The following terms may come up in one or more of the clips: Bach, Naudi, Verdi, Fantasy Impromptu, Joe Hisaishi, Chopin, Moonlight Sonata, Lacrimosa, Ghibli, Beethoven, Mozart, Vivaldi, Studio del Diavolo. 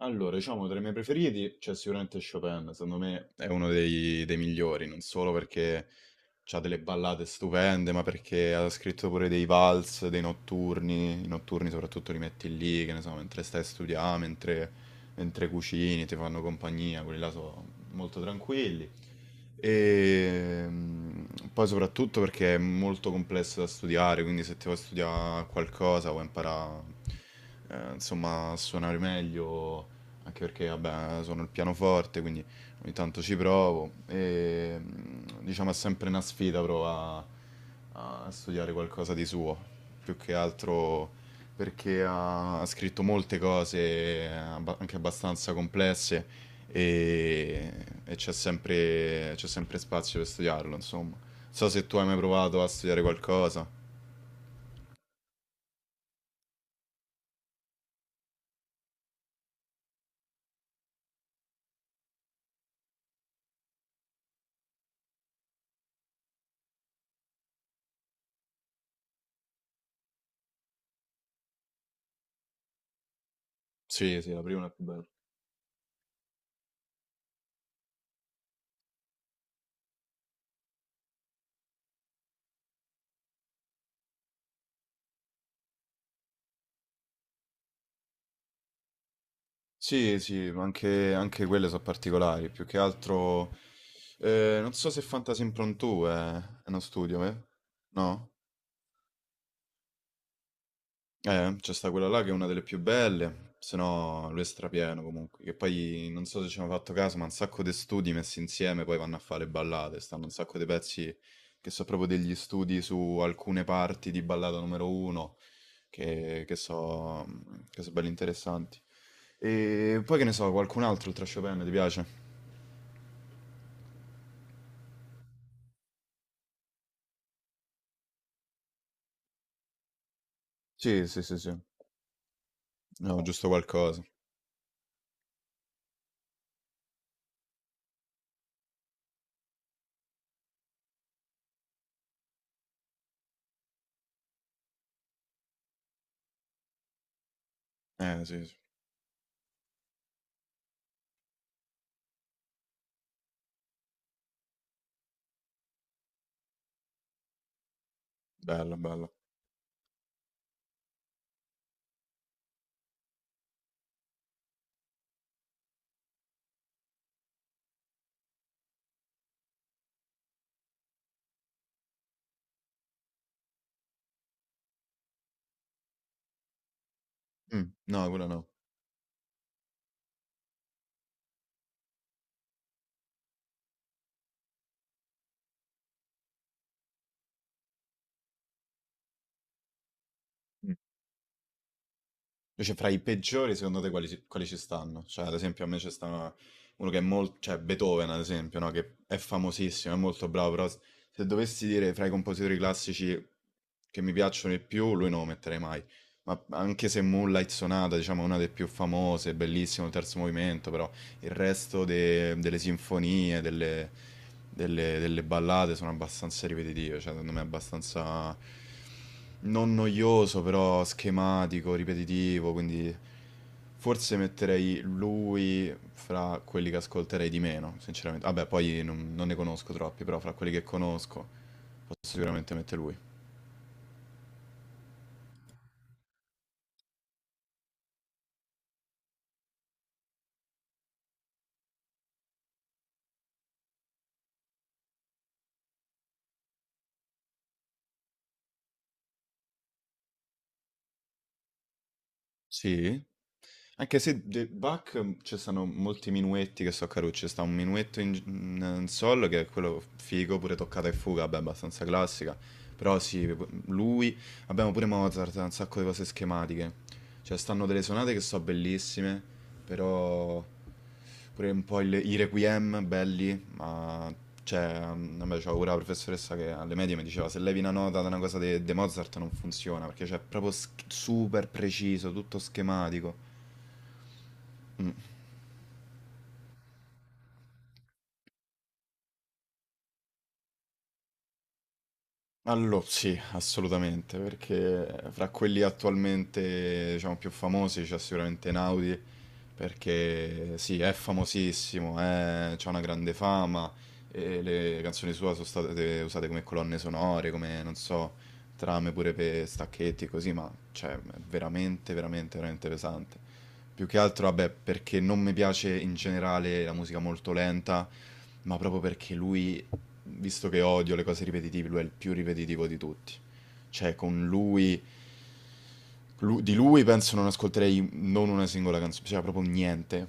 Allora, diciamo tra i miei preferiti c'è sicuramente Chopin, secondo me è uno dei migliori, non solo perché c'ha delle ballate stupende, ma perché ha scritto pure dei vals, dei notturni, i notturni soprattutto li metti lì, che ne so, mentre stai a studiare, mentre cucini, ti fanno compagnia, quelli là sono molto tranquilli. E mm, Poi soprattutto perché è molto complesso da studiare, quindi se ti vuoi studiare qualcosa vuoi imparare, insomma, a suonare meglio, anche perché, vabbè, suono il pianoforte, quindi... Ogni tanto ci provo e diciamo è sempre una sfida provare a studiare qualcosa di suo, più che altro perché ha scritto molte cose anche abbastanza complesse e, c'è sempre spazio per studiarlo, insomma. Non so se tu hai mai provato a studiare qualcosa. Sì, sì, la prima è la più bella. Sì, sì, ma anche quelle sono particolari, più che altro... Eh, non so se Fantasy Impromptu è uno studio, eh? No? C'è sta quella là che è una delle più belle, se no lui è strapieno comunque, che poi non so se ci hanno fatto caso, ma un sacco di studi messi insieme poi vanno a fare ballate, stanno un sacco di pezzi che sono proprio degli studi su alcune parti di ballata numero uno, che, che so, che so belli interessanti. E poi che ne so, qualcun altro oltre a Chopin ti piace? Sì, sì, sì, sì. No, giusto qualcosa. Sì, sì. Bello, bello. No, quello no. Invece fra i peggiori, secondo te quali ci stanno? Cioè, ad esempio, a me c'è sta uno che è molto... cioè Beethoven, ad esempio, no? Che è famosissimo, è molto bravo, però se dovessi dire fra i compositori classici che mi piacciono di più, lui non lo metterei mai. Ma anche se Moonlight Sonata, diciamo, è una delle più famose, bellissimo, il terzo movimento, però il resto delle sinfonie, delle ballate sono abbastanza ripetitive, cioè secondo me è abbastanza non noioso, però schematico, ripetitivo, quindi forse metterei lui fra quelli che ascolterei di meno, sinceramente. Vabbè, poi non ne conosco troppi, però fra quelli che conosco posso sicuramente mettere lui. Sì? Anche se The Bach ci sono molti minuetti che so carucci, sta un minuetto in sol che è quello figo, pure toccata e fuga, vabbè, abbastanza classica, però sì, abbiamo pure Mozart, ha un sacco di cose schematiche, cioè stanno delle sonate che so bellissime, però pure un po' i requiem belli, ma cioè, vabbè, c'ho pure la professoressa che alle medie mi diceva se levi una nota da una cosa di Mozart non funziona, perché cioè, è proprio super preciso, tutto schematico. Allo sì, assolutamente, perché fra quelli attualmente, diciamo, più famosi c'è sicuramente Naudi, perché sì, è famosissimo, è, c'ha una grande fama, e le canzoni sue sono state usate come colonne sonore, come, non so, trame pure per stacchetti e così, ma cioè, è veramente pesante. Più che altro, vabbè, perché non mi piace in generale la musica molto lenta, ma proprio perché lui, visto che odio le cose ripetitive, lui è il più ripetitivo di tutti. Cioè, con lui, di lui penso non ascolterei non una singola canzone, cioè proprio niente.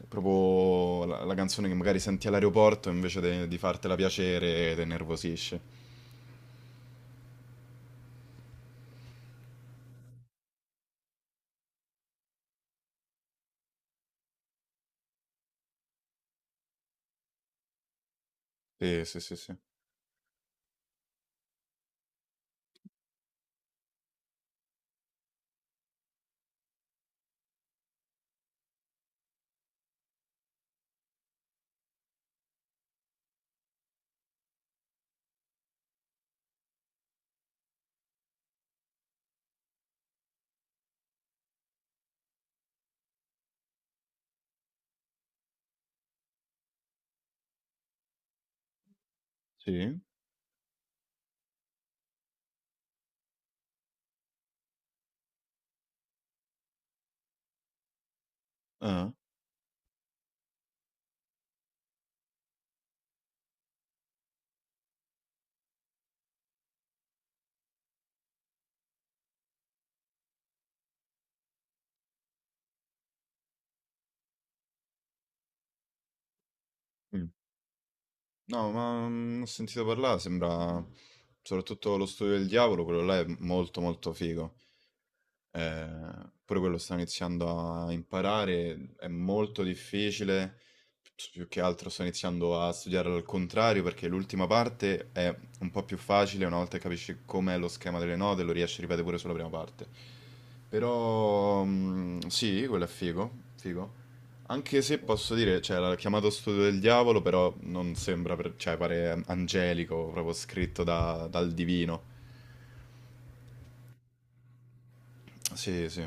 È proprio la canzone che magari senti all'aeroporto invece di fartela piacere, te nervosisce. Sì, sì, sì, sì. Sì? Ah, mm. No, ma ho sentito parlare, sembra soprattutto lo studio del diavolo, quello là è molto molto figo. Pure quello sto iniziando a imparare, è molto difficile, s più che altro sto iniziando a studiarlo al contrario perché l'ultima parte è un po' più facile, una volta che capisci com'è lo schema delle note lo riesci a ripetere pure sulla prima parte. Però sì, quello è figo, figo. Anche se posso dire, cioè, l'ha chiamato Studio del Diavolo, però non sembra, cioè, pare angelico, proprio scritto dal divino. Sì, sì.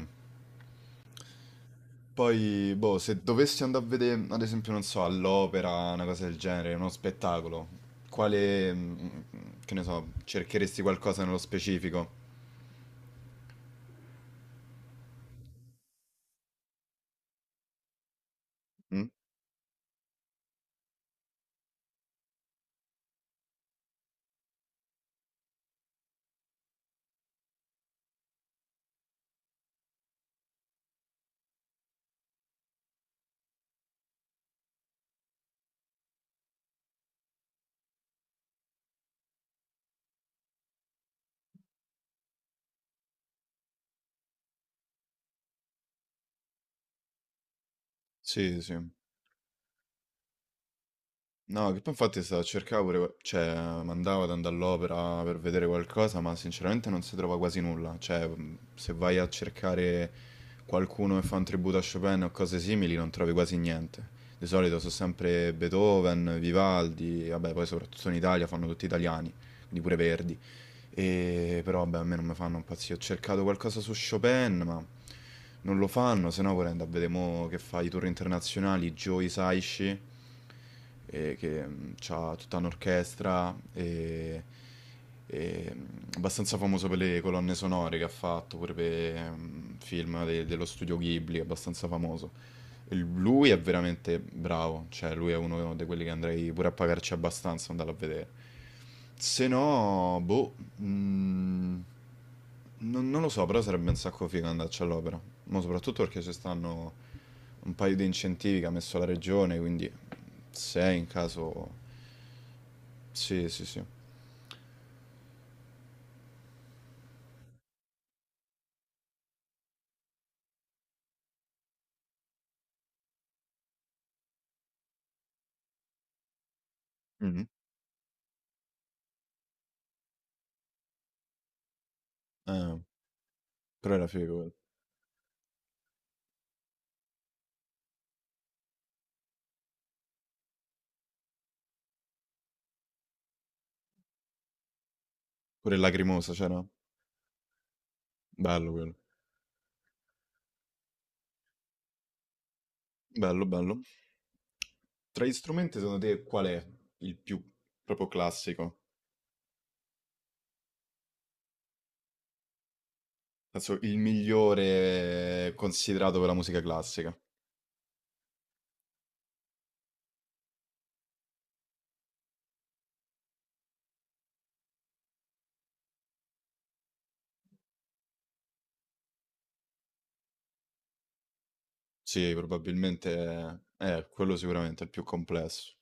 Poi, boh, se dovessi andare a vedere, ad esempio, non so, all'opera, una cosa del genere, uno spettacolo, quale, che ne so, cercheresti qualcosa nello specifico? Mm? Sì, sì. No, che poi infatti stavo a cercare pure, cioè mandavo ad andare all'opera per vedere qualcosa, ma sinceramente non si trova quasi nulla. Cioè, se vai a cercare qualcuno che fa un tributo a Chopin o cose simili, non trovi quasi niente. Di solito sono sempre Beethoven, Vivaldi, vabbè, poi soprattutto in Italia fanno tutti italiani, quindi pure Verdi. Però vabbè, a me non mi fanno impazzire. Ho cercato qualcosa su Chopin, ma non lo fanno, se no vorrei andare a vedere mo che fa i tour internazionali, Joe Hisaishi, che ha tutta un'orchestra, e, abbastanza famoso per le colonne sonore che ha fatto, pure per film dello studio Ghibli, abbastanza famoso. E lui è veramente bravo, cioè lui è uno di quelli che andrei pure a pagarci abbastanza, andarlo a vedere. Se no, boh, mm, non lo so, però sarebbe un sacco figo andarci all'opera. Ma soprattutto perché ci stanno un paio di incentivi che ha messo la regione, quindi se in caso... Sì, sì, sì. Mhm. Eh, però era figo quello. Pure il Lacrimosa c'era. Bello quello. Bello, bello. Tra gli strumenti, secondo te, qual è il più proprio classico? Penso il migliore considerato per la musica classica. Sì, probabilmente quello sicuramente è il più complesso.